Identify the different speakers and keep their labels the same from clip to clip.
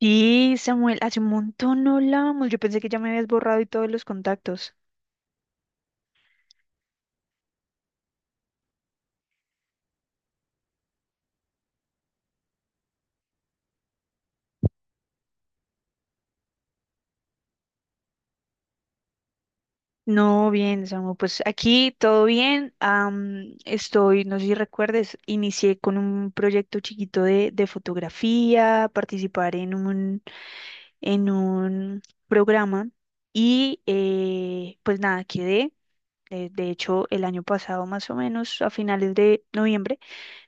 Speaker 1: Sí, Samuel, hace un montón no hablábamos. Yo pensé que ya me habías borrado y todos los contactos. No, bien, Samuel, pues aquí todo bien. No sé si recuerdes, inicié con un proyecto chiquito de fotografía, participar en un, en un programa y pues nada, quedé. De hecho, el año pasado, más o menos, a finales de noviembre.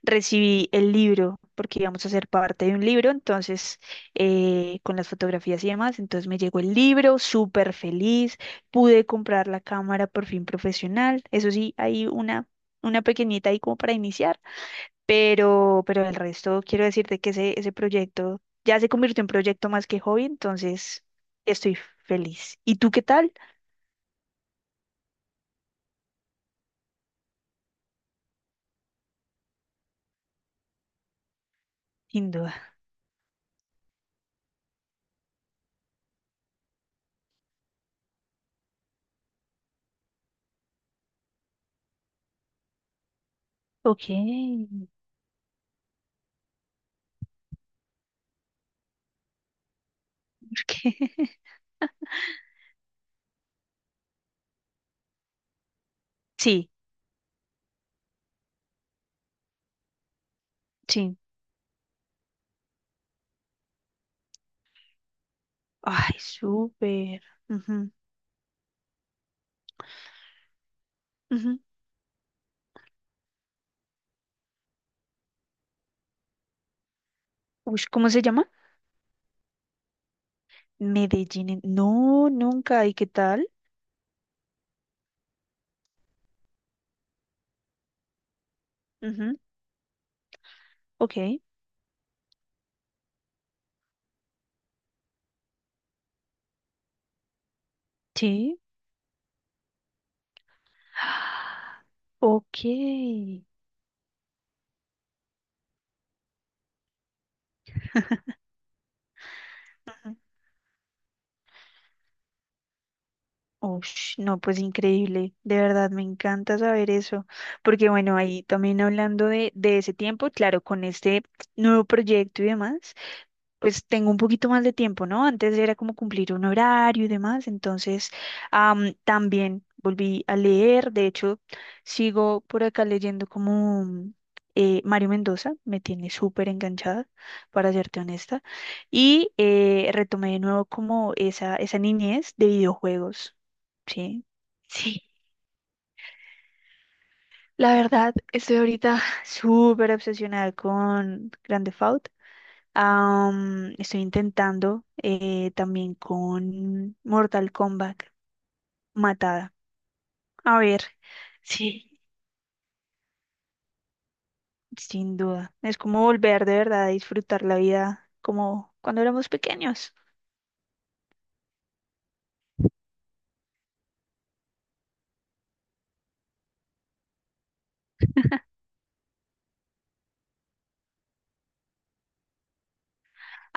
Speaker 1: Recibí el libro porque íbamos a ser parte de un libro, entonces con las fotografías y demás, entonces me llegó el libro, súper feliz, pude comprar la cámara por fin profesional, eso sí, hay una pequeñita ahí como para iniciar, pero el resto quiero decirte que ese proyecto ya se convirtió en proyecto más que hobby, entonces estoy feliz. ¿Y tú qué tal? Sin duda. Ok. ¿Por qué? Sí, sí. Ay, súper. Ujú, ujú. Ush, ¿cómo se llama? Medellín. No, nunca. ¿Y qué tal? Ujú, Ok, sí. Ah, Ok. Ush, no, pues increíble. De verdad, me encanta saber eso. Porque bueno, ahí también hablando de ese tiempo, claro, con este nuevo proyecto y demás. Pues tengo un poquito más de tiempo, ¿no? Antes era como cumplir un horario y demás, entonces también volví a leer, de hecho sigo por acá leyendo como Mario Mendoza, me tiene súper enganchada, para serte honesta, y retomé de nuevo como esa niñez de videojuegos, ¿sí? Sí, la verdad, estoy ahorita súper obsesionada con Grand Theft Auto. Estoy intentando también con Mortal Kombat, Matada. A ver, sí, sin duda. Es como volver de verdad a disfrutar la vida como cuando éramos pequeños.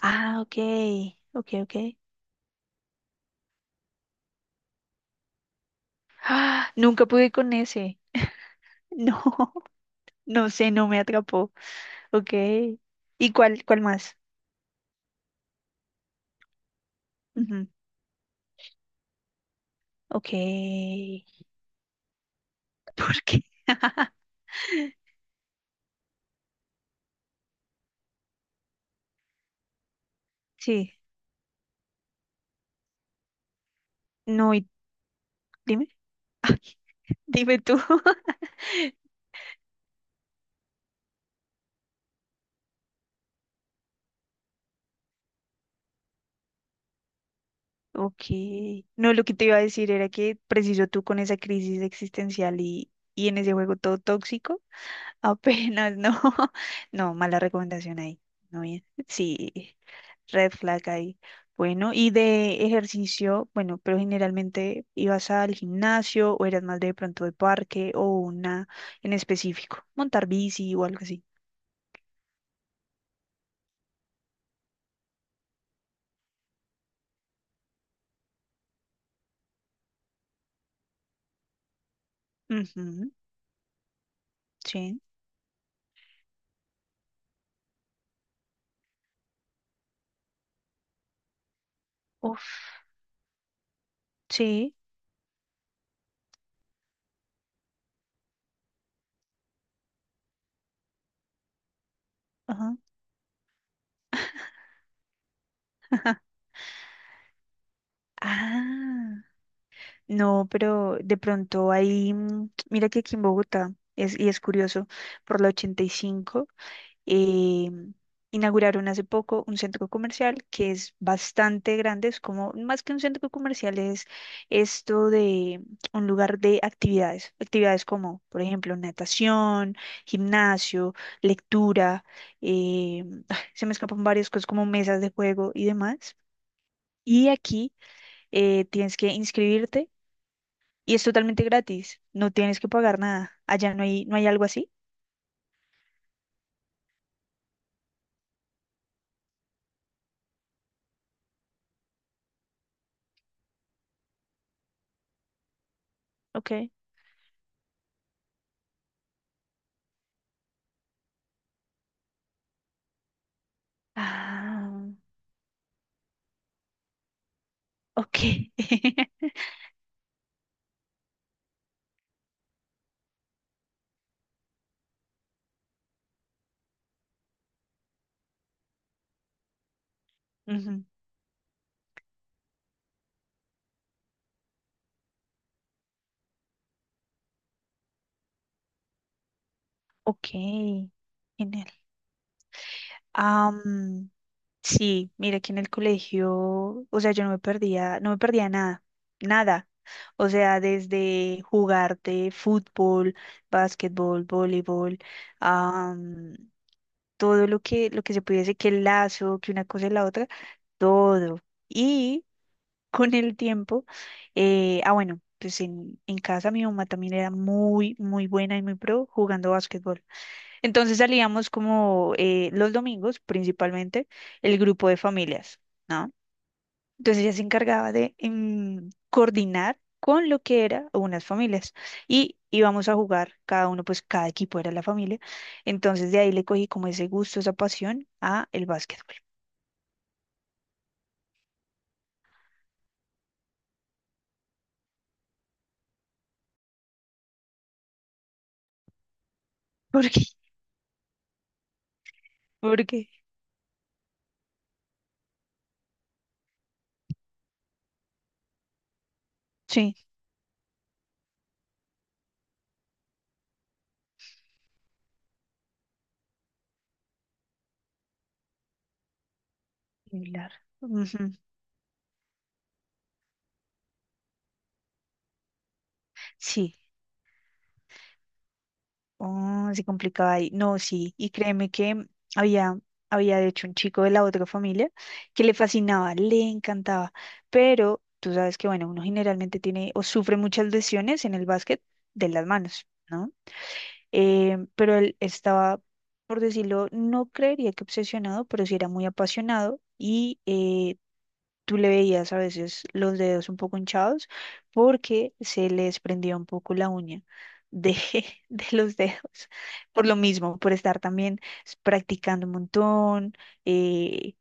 Speaker 1: Ah, ok, ok, ok. Ah, nunca pude con ese. No, no sé, no me atrapó. Ok. ¿Y cuál más? Ujú, Ok. ¿Por qué? Sí. No, y dime, dime tú. Ok. No, lo que te iba a decir era que preciso tú con esa crisis existencial y en ese juego todo tóxico, apenas no. No, mala recomendación ahí. No bien. Sí, red flag ahí. Bueno, y de ejercicio, bueno, pero generalmente ibas al gimnasio o eras más de pronto de parque o una en específico, montar bici o algo así. Ujú, sí. Uf, sí. Ajá. Ah. No, pero de pronto ahí, mira que aquí en Bogotá, y es curioso, por la 85, eh, inauguraron hace poco un centro comercial que es bastante grande, es como, más que un centro comercial, es esto de un lugar de actividades, actividades como, por ejemplo, natación, gimnasio, lectura, eh, se me escapan varias cosas como mesas de juego y demás. Y aquí tienes que inscribirte y es totalmente gratis, no tienes que pagar nada. Allá no hay algo así. Ok. Ah, ok. Ujú, Ok, genial. Am, sí, mira que en el colegio, o sea, yo no me perdía nada, nada. O sea, desde jugarte fútbol, básquetbol, voleibol, am, todo lo que se pudiese, que el lazo, que una cosa y la otra, todo. Con el tiempo. Ah, bueno, pues en casa mi mamá también era muy, muy buena y muy pro jugando básquetbol. Entonces salíamos como los domingos, principalmente, el grupo de familias, ¿no? Entonces ella se encargaba de coordinar con lo que era unas familias y íbamos a jugar, cada uno, pues cada equipo era la familia. Entonces de ahí le cogí como ese gusto, esa pasión a el básquetbol. ¿Por qué? Porque sí, similar. Ujú. Sí, Oh, se complicaba ahí. No, sí. Y créeme que había, había de hecho un chico de la otra familia que le fascinaba, le encantaba. Pero tú sabes que, bueno, uno generalmente tiene o sufre muchas lesiones en el básquet de las manos, ¿no? Pero él estaba, por decirlo, no creería que obsesionado, pero sí era muy apasionado y tú le veías a veces los dedos un poco hinchados porque se les prendía un poco la uña de, de los dedos. Por lo mismo, por estar también practicando un montón, eh,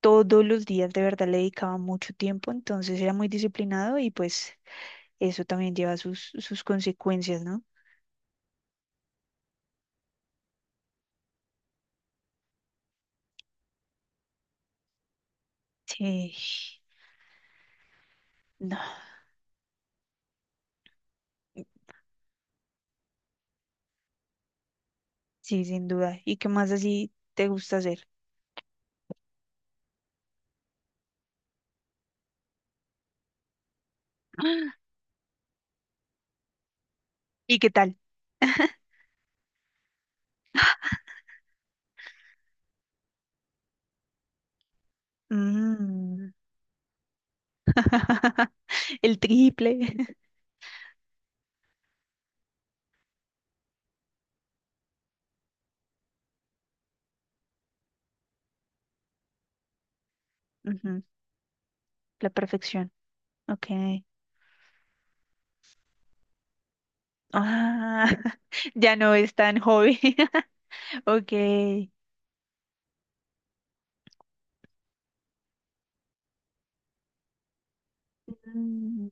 Speaker 1: todos los días de verdad le dedicaba mucho tiempo, entonces era muy disciplinado y pues eso también lleva sus consecuencias, ¿no? Sí, no, sí, sin duda. ¿Y qué más así te gusta hacer? ¿Y qué tal? Mm, El triple. Ujú, La perfección. Ok. Ah, ya no es tan joven. Ok. Mm,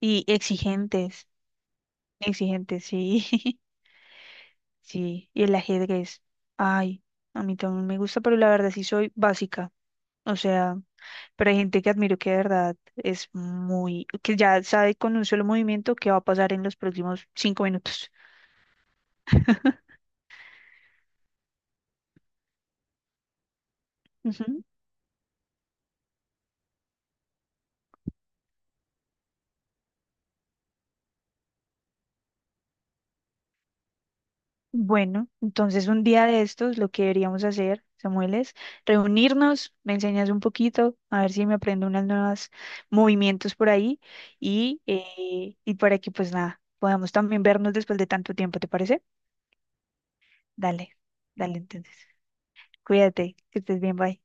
Speaker 1: Y exigentes. Exigentes, sí. Sí. Y el ajedrez. Ay, a mí también me gusta, pero la verdad sí soy básica. O sea, pero hay gente que admiro que de verdad es muy, que ya sabe con un solo movimiento qué va a pasar en los próximos 5 minutos. Bueno, entonces un día de estos lo que deberíamos hacer, Samuel, es reunirnos, me enseñas un poquito, a ver si me aprendo unos nuevos movimientos por ahí y para que pues nada, podamos también vernos después de tanto tiempo, ¿te parece? Dale, dale entonces. Cuídate, que estés bien, bye.